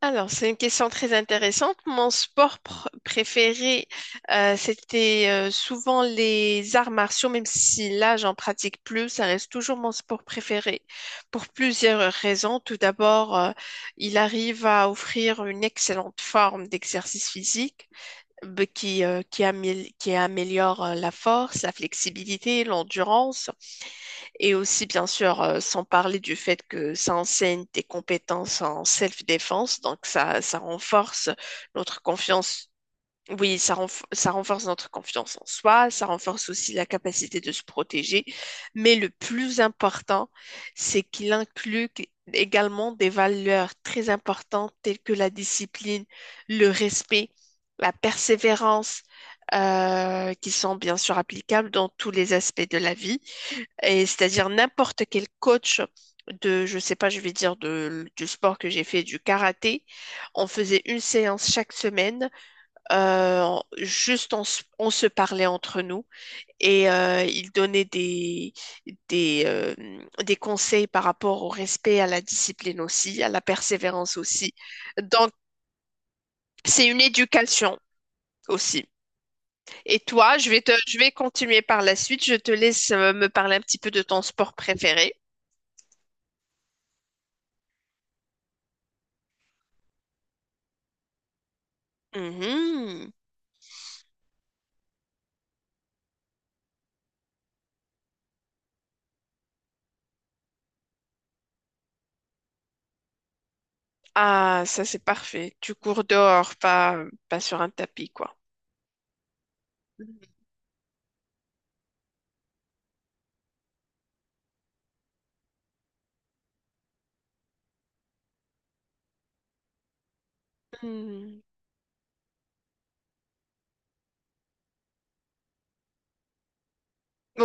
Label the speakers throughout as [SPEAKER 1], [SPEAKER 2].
[SPEAKER 1] Alors, c'est une question très intéressante. Mon préféré, c'était souvent les arts martiaux, même si là, j'en pratique plus, ça reste toujours mon sport préféré pour plusieurs raisons. Tout d'abord, il arrive à offrir une excellente forme d'exercice physique qui améliore la force, la flexibilité, l'endurance. Et aussi, bien sûr, sans parler du fait que ça enseigne des compétences en self-défense, donc ça renforce notre confiance. Oui, ça renforce notre confiance en soi, ça renforce aussi la capacité de se protéger. Mais le plus important, c'est également des valeurs très importantes telles que la discipline, le respect, la persévérance, qui sont bien sûr applicables dans tous les aspects de la vie et c'est-à-dire n'importe quel coach de, je sais pas, je vais dire de, du sport que j'ai fait, du karaté, on faisait une séance chaque semaine, juste on se parlait entre nous et il donnait des, euh, des conseils par rapport au respect, à la discipline aussi, à la persévérance aussi. Donc, c'est une éducation aussi. Et toi, je vais continuer par la suite. Je te laisse me parler un petit peu de ton sport préféré. Mhm. Ah, ça c'est parfait. Tu cours dehors, pas, pas sur un tapis, quoi. Hmm.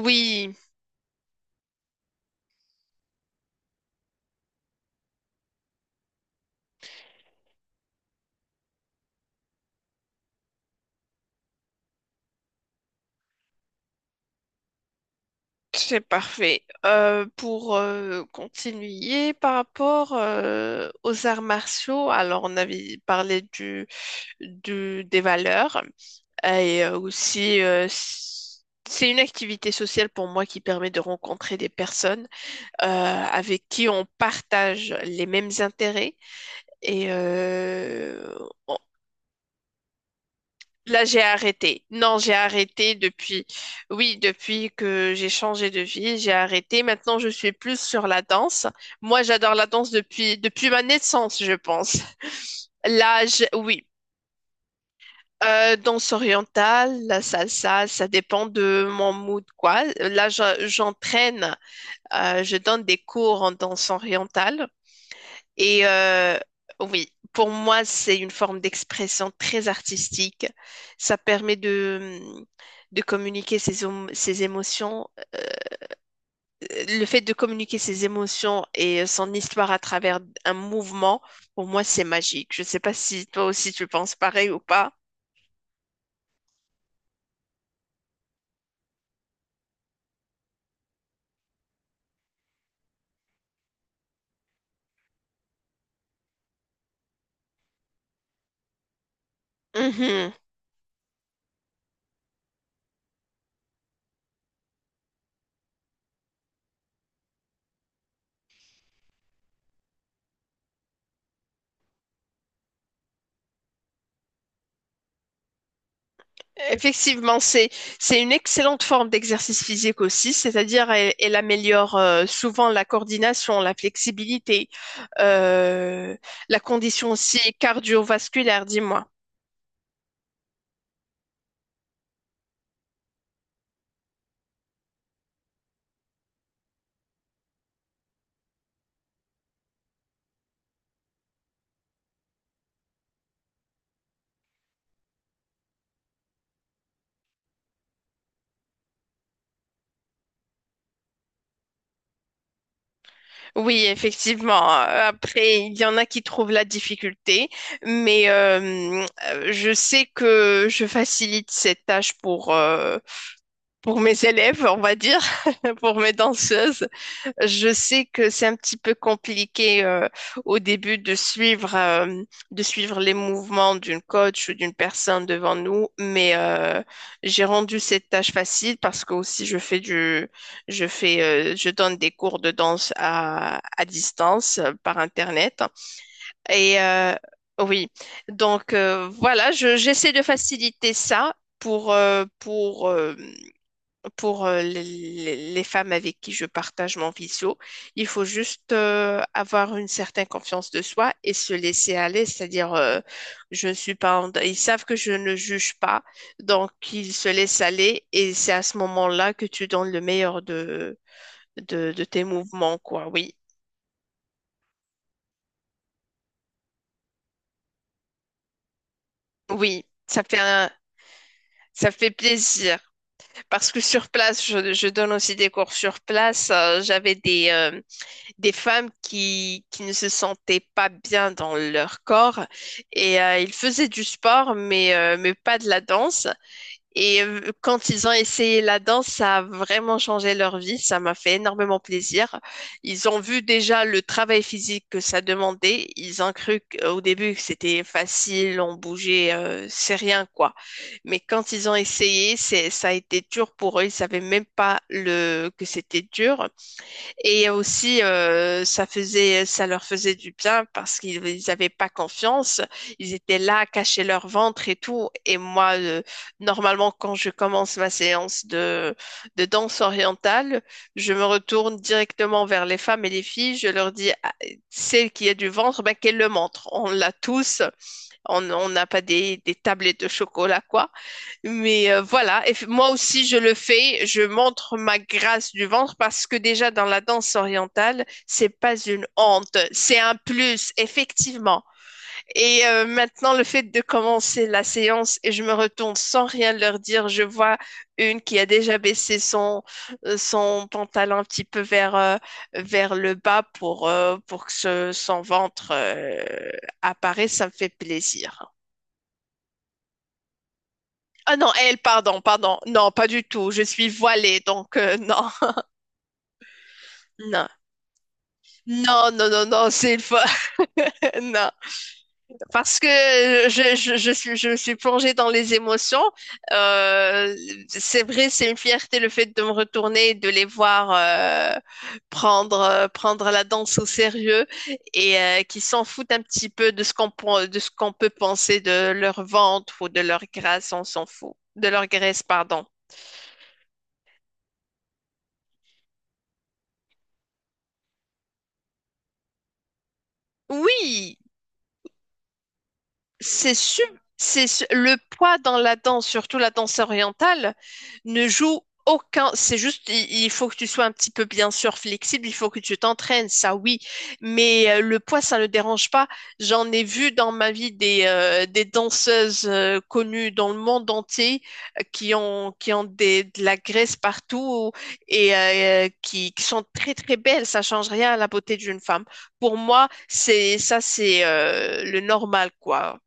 [SPEAKER 1] Oui, c'est parfait. Pour continuer par rapport aux arts martiaux, alors on avait parlé des valeurs et c'est une activité sociale pour moi qui permet de rencontrer des personnes avec qui on partage les mêmes intérêts et Là, j'ai arrêté. Non, j'ai arrêté depuis, oui, depuis que j'ai changé de vie, j'ai arrêté. Maintenant, je suis plus sur la danse. Moi, j'adore la danse depuis ma naissance, je pense. Là, je- oui, danse orientale, la salsa, ça dépend de mon mood, quoi. Là, je- j'entraîne, je donne des cours en danse orientale. Et oui, pour moi, c'est une forme d'expression très artistique. Ça permet de ses émotions. Euh, le fait de communiquer ses émotions et son histoire à travers un mouvement, pour moi, c'est magique. Je ne sais pas si toi aussi tu penses pareil ou pas. Mhm. Effectivement, c'est une excellente forme d'exercice physique aussi, c'est-à-dire elle améliore souvent la coordination, la flexibilité, euh, la condition aussi cardiovasculaire, dis-moi. Oui, effectivement. Après, il y en a qui trouvent la difficulté, mais euh, je sais que je facilite cette tâche pour mes élèves, on va dire, pour mes danseuses. Je sais que c'est un petit peu compliqué au début de suivre les mouvements d'une coach ou d'une personne devant nous, mais j'ai rendu cette tâche facile parce que aussi je fais du, je fais, je donne des cours de danse à distance par Internet. Et oui, donc voilà, je, j'essaie de faciliter ça pour, les, les femmes avec qui je partage mon visio. Il faut juste avoir une certaine confiance de soi et se laisser aller, c'est-à-dire je ne suis pas en- ils savent que je ne juge pas, donc ils se laissent aller et c'est à ce moment-là que tu donnes le meilleur de de tes mouvements, quoi. Oui, oui, ça fait plaisir parce que sur place, je donne aussi des cours sur place. J'avais des femmes qui ne se sentaient pas bien dans leur corps et ils faisaient du sport mais pas de la danse. Et quand ils ont essayé la danse, ça a vraiment changé leur vie. Ça m'a fait énormément plaisir. Ils ont vu déjà le travail physique que ça demandait. Ils ont cru qu'au début que c'était facile, on bougeait, c'est rien quoi. Mais quand ils ont essayé, c'est, ça a été dur pour eux. Ils savaient même pas le, que c'était dur. Et aussi, ça faisait, ça leur faisait du bien parce qu'ils ils avaient pas confiance. Ils étaient là, cachaient leur ventre et tout. Et moi, normalement, quand je commence ma séance de danse orientale, je me retourne directement vers les femmes et les filles. Je leur dis, Ah, celle qui a du ventre, ben, qu'elle le montre. On l'a tous. On n'a pas des, des tablettes de chocolat, quoi. Mais voilà, moi aussi je le fais, je montre ma grâce du ventre parce que déjà dans la danse orientale, c'est pas une honte, c'est un plus, effectivement. Et maintenant le fait de commencer la séance et je me retourne sans rien leur dire, je vois une qui a déjà baissé son son pantalon un petit peu vers vers le bas pour son ventre apparaisse, ça me fait plaisir. Ah non, elle, pardon, pardon. Non, pas du tout. Je suis voilée, donc non, non. Non, non, non, non, c'est une fois. Non. Parce que je suis, je me suis plongée dans les émotions. Euh, c'est vrai, c'est une fierté le fait de me retourner et de les voir prendre la danse au sérieux et qui s'en foutent un petit peu de ce de ce qu'on peut penser de leur ventre ou de leur grâce, on s'en fout. De leur graisse, pardon. Oui! C'est su- le poids dans la danse, surtout la danse orientale, ne joue aucun. C'est juste, il faut que tu sois un petit peu bien sûr flexible, il faut que tu t'entraînes, ça oui. Mais le poids, ça ne dérange pas. J'en ai vu dans ma vie des danseuses connues dans le monde entier qui ont des, de la graisse partout et qui sont très très belles. Ça change rien à la beauté d'une femme. Pour moi, c'est ça, c'est le normal quoi.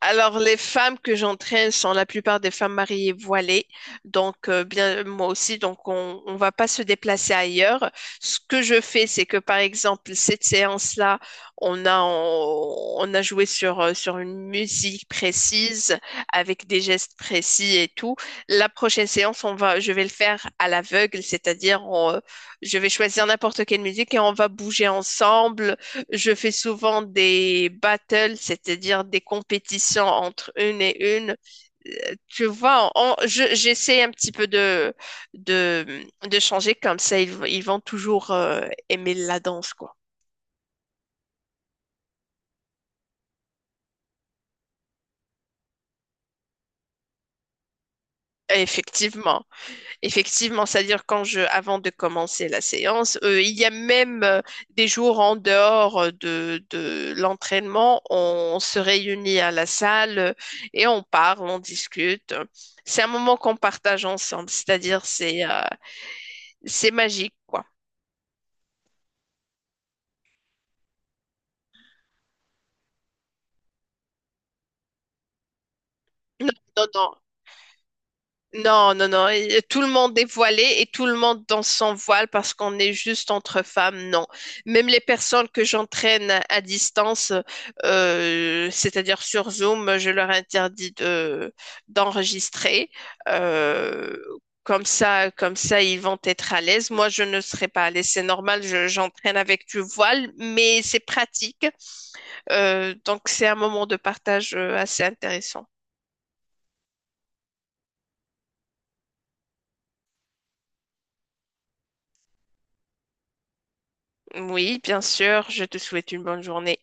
[SPEAKER 1] Alors, les femmes que j'entraîne sont la plupart des femmes mariées voilées. Donc, bien, moi aussi, donc on ne va pas se déplacer ailleurs. Ce que je fais, c'est que, par exemple, cette séance-là, on a joué sur, sur une musique précise, avec des gestes précis et tout. La prochaine séance, je vais le faire à l'aveugle, c'est-à-dire, on, je vais choisir n'importe quelle musique et on va bouger ensemble je fais souvent des battles, c'est-à-dire des compétitions entre une et une. Tu vois, j'essaie un petit peu de, de changer comme ça, ils vont toujours aimer la danse, quoi. Effectivement. Effectivement, c'est-à-dire quand je, avant de commencer la séance, il y a même des jours en dehors de l'entraînement, on se réunit à la salle et on parle, on discute. C'est un moment qu'on partage ensemble, c'est-à-dire c'est magique, quoi. Non, non, non, Non, non, non. Et tout le monde est voilé et tout le monde dans son voile parce qu'on est juste entre femmes. Non. Même les personnes que j'entraîne à distance, c'est-à-dire sur Zoom, je leur interdis de d'enregistrer. Euh, Comme ça, comme ça, ils vont être à l'aise. Moi, je ne serai pas à l'aise. C'est normal. Je- j'entraîne avec du voile, mais c'est pratique. Donc, c'est un moment de partage assez intéressant. Oui, bien sûr. Je te souhaite une bonne journée.